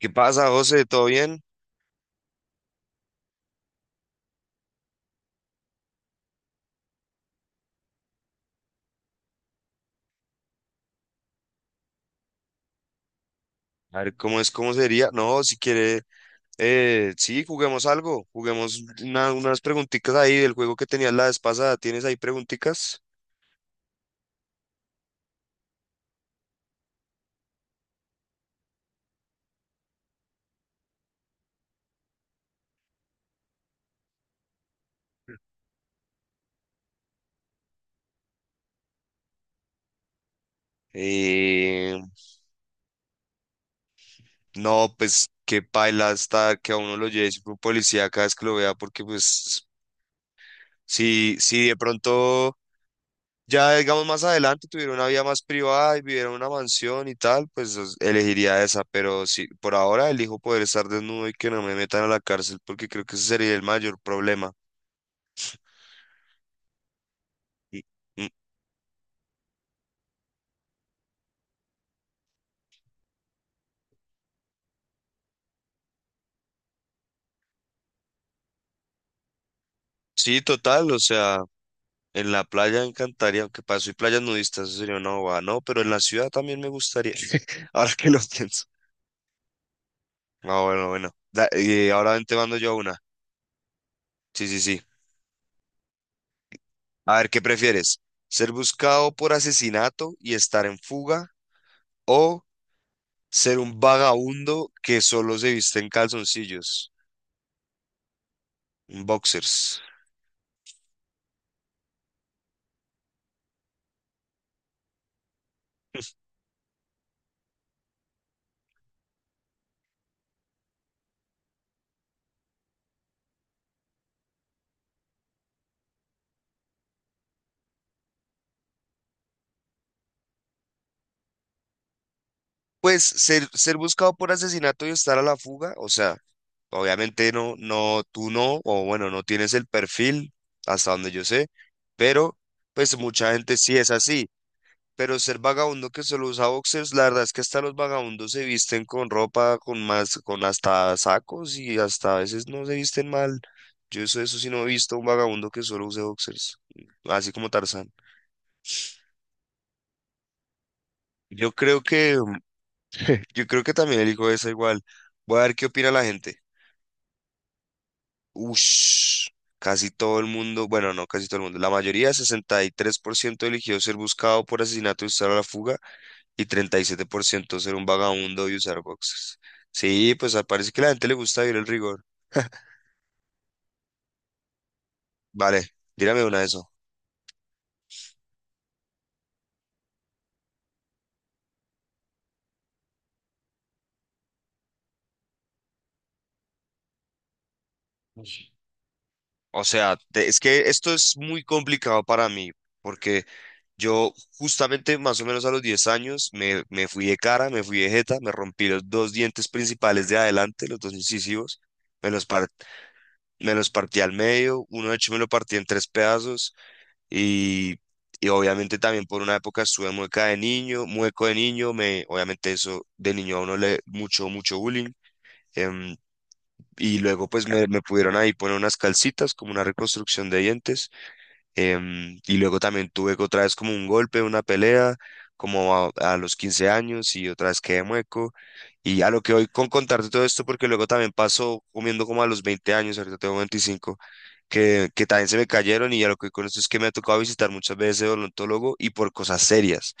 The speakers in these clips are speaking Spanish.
¿Qué pasa, José? ¿Todo bien? A ver, ¿cómo es? ¿Cómo sería? No, si quiere, sí, juguemos algo. Juguemos unas preguntitas ahí del juego que tenías la vez pasada. ¿Tienes ahí preguntitas? Eh, no, pues qué paila está que a uno lo lleve siempre un policía cada vez que lo vea, porque pues si de pronto ya, digamos, más adelante tuvieron una vida más privada y vivieron en una mansión y tal, pues elegiría esa, pero sí, por ahora elijo poder estar desnudo y que no me metan a la cárcel, porque creo que ese sería el mayor problema. Y- mm, Sí, total, o sea, en la playa me encantaría, aunque para soy playas nudistas, eso sería una bobada, no, pero en la ciudad también me gustaría, ahora que lo pienso. Ah, bueno, bueno, ahora te mando yo una, sí, sí, sí. A ver, ¿qué prefieres? ¿Ser buscado por asesinato y estar en fuga? ¿O ser un vagabundo que solo se viste en calzoncillos, en boxers? Pues ser buscado por asesinato y estar a la fuga, o sea, obviamente no, no, tú no, o bueno, no tienes el perfil, hasta donde yo sé, pero pues mucha gente sí es así. Pero ser vagabundo que solo usa boxers, la verdad es que hasta los vagabundos se visten con ropa, con más, con hasta sacos y hasta a veces no se visten mal. Yo eso, eso sí no he visto un vagabundo que solo use boxers, así como Tarzán. Yo creo que, yo creo que también elijo esa igual. Voy a ver qué opina la gente. Ush, casi todo el mundo, bueno, no casi todo el mundo, la mayoría, 63% eligió ser buscado por asesinato y usar a la fuga y 37% ser un vagabundo y usar boxes. Sí, pues ah, parece que a la gente le gusta vivir el rigor. Vale, dígame una de eso. Ush. O sea, es que esto es muy complicado para mí, porque yo justamente más o menos a los 10 años me fui de cara, me fui de jeta, me rompí los dos dientes principales de adelante, los dos incisivos, me los, par- me los partí al medio, uno de hecho me lo partí en tres pedazos y, y obviamente también por una época estuve mueca de niño, mueco de niño, me, obviamente eso de niño a uno le mucho bullying. em, y luego pues me pudieron ahí poner unas calcitas como una reconstrucción de dientes. Y luego también tuve otra vez como un golpe, una pelea, como a los 15 años y otra vez quedé mueco. Y a lo que voy con contarte todo esto, porque luego también pasó comiendo como a los 20 años, ahorita tengo 25 que también se me cayeron, y a lo que voy con esto es que me ha tocado visitar muchas veces el odontólogo y por cosas serias.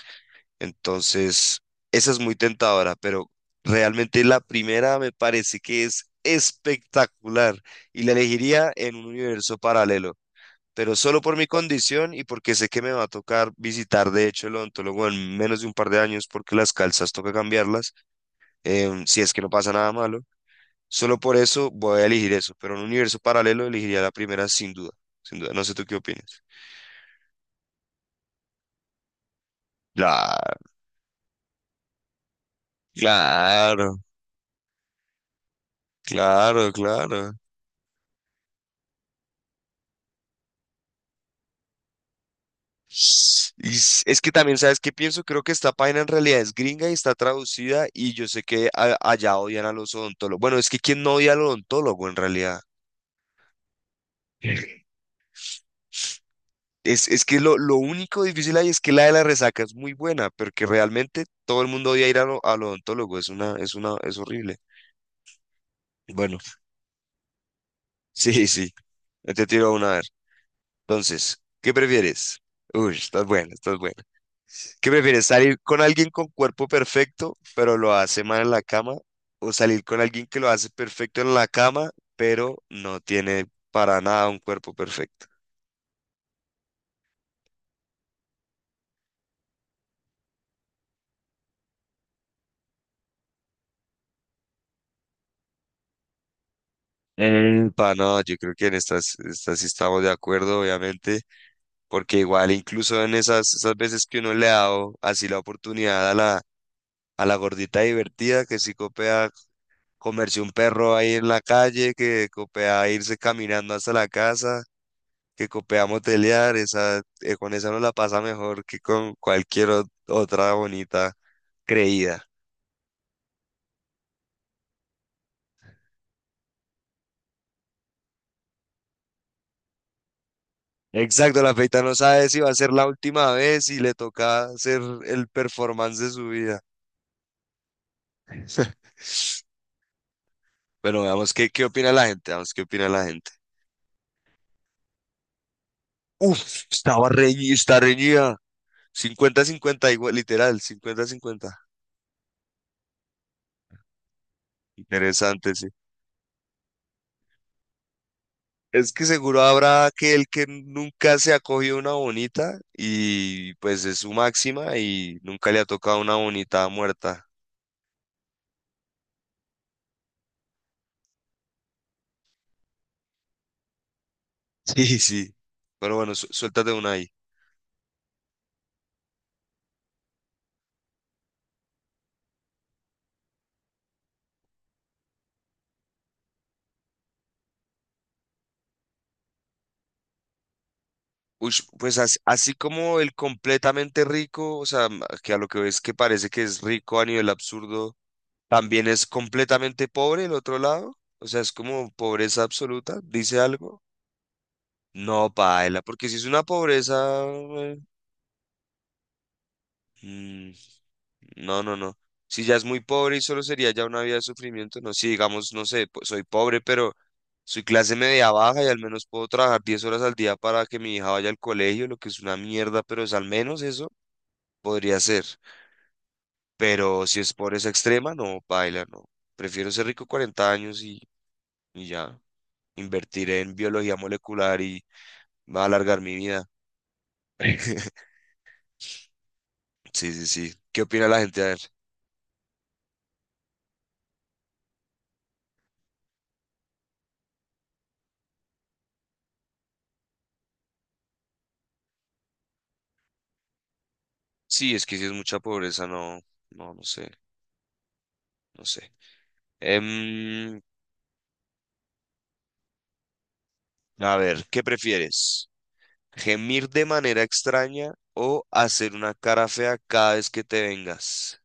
Entonces, esa es muy tentadora, pero realmente la primera me parece que es espectacular y la elegiría en un universo paralelo, pero solo por mi condición y porque sé que me va a tocar visitar, de hecho, el odontólogo en menos de un par de años porque las calzas toca cambiarlas, si es que no pasa nada malo. Solo por eso voy a elegir eso, pero en un universo paralelo elegiría la primera sin duda, sin duda. No sé tú qué opinas. Claro, claro, claro, claro. Y es que también, ¿sabes qué pienso? Creo que esta página en realidad es gringa y está traducida y yo sé que allá odian a los odontólogos. Bueno, es que ¿quién no odia al odontólogo en realidad? Es que lo único difícil ahí es que la de la resaca es muy buena, pero que realmente todo el mundo odia ir a al odontólogo. Es una, es horrible. Bueno, sí, sí. Yo te tiro una a ver. Entonces, ¿qué prefieres? Uy, estás buena, estás buena. ¿Qué prefieres? ¿Salir con alguien con cuerpo perfecto, pero lo hace mal en la cama? ¿O salir con alguien que lo hace perfecto en la cama, pero no tiene para nada un cuerpo perfecto? No, yo creo que en estas sí estamos de acuerdo, obviamente. Porque igual incluso en esas veces que uno le ha dado así la oportunidad a a la gordita divertida que sí copea comerse un perro ahí en la calle, que copea irse caminando hasta la casa, que copea motelear, esa, con esa no la pasa mejor que con cualquier otra bonita creída. Exacto, la feita no sabe si va a ser la última vez y le toca hacer el performance de su vida. Bueno, veamos qué opina la gente, veamos qué opina la gente. Uf, estaba reñida, está reñida. Cincuenta-cincuenta igual, literal, cincuenta-cincuenta. Interesante, sí. Es que seguro habrá aquel que nunca se ha cogido una bonita y pues es su máxima y nunca le ha tocado una bonita muerta. Sí, sí. Pero bueno, suéltate una ahí. Ush, pues así, como el completamente rico, o sea, que a lo que ves que parece que es rico a nivel absurdo, también es completamente pobre el otro lado, o sea, es como pobreza absoluta, dice algo. No, paila, porque si es una pobreza... mm, no, no, no. Si ya es muy pobre y solo sería ya una vida de sufrimiento, no, si digamos, no sé, pues soy pobre, pero soy clase media baja y al menos puedo trabajar 10 horas al día para que mi hija vaya al colegio, lo que es una mierda, pero es al menos eso, podría ser. Pero si es pobreza extrema, no, paila, no. Prefiero ser rico 40 años y ya. Invertiré en biología molecular y va a alargar mi vida. Sí, sí, sí. ¿Qué opina la gente? A ver. Sí, es que si es mucha pobreza, no, no, no sé, no sé. Em, a ver, ¿qué prefieres? ¿Gemir de manera extraña o hacer una cara fea cada vez que te vengas?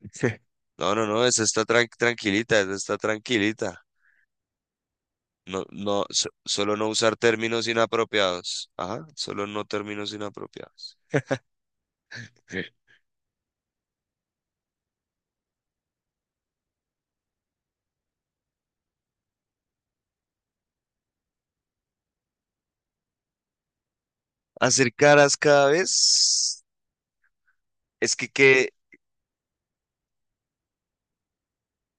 No, no, no, esa está tranquilita, esa está tranquilita. No, no, solo no usar términos inapropiados. Ajá, solo no términos inapropiados. Hacer caras cada vez es que qué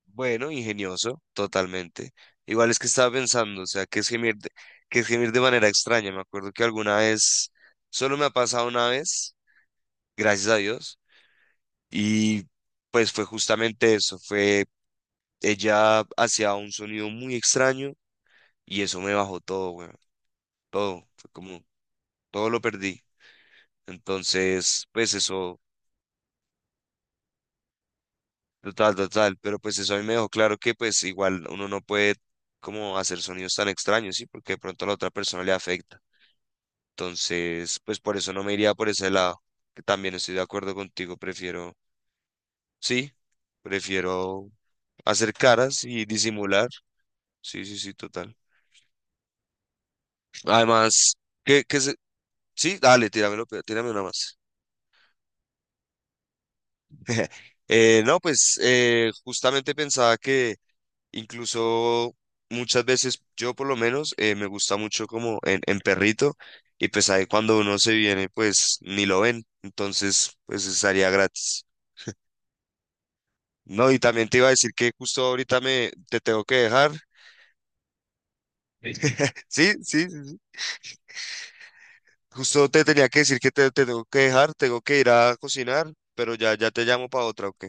bueno, ingenioso, totalmente. Igual es que estaba pensando, o sea, que es gemir de manera extraña. Me acuerdo que alguna vez, solo me ha pasado una vez, gracias a Dios, y pues fue justamente eso, fue ella hacía un sonido muy extraño y eso me bajó todo, bueno, todo, fue como, todo lo perdí. Entonces, pues eso total, total, pero pues eso a mí me dejó claro que pues igual uno no puede como hacer sonidos tan extraños, ¿sí? Porque de pronto a la otra persona le afecta. Entonces, pues por eso no me iría por ese lado, que también estoy de acuerdo contigo, prefiero, sí, prefiero hacer caras y disimular. Sí, sí, sí, total. Además, que, que se... sí, dale, tírame una más. No, pues justamente pensaba que incluso muchas veces, yo por lo menos, me gusta mucho como en perrito y pues ahí cuando uno se viene, pues ni lo ven, entonces pues estaría gratis. No, y también te iba a decir que justo ahorita me te tengo que dejar. Sí, sí, sí, sí. Justo te tenía que decir que te tengo que dejar, tengo que ir a cocinar, pero ya, ya te llamo para otra, ¿ok?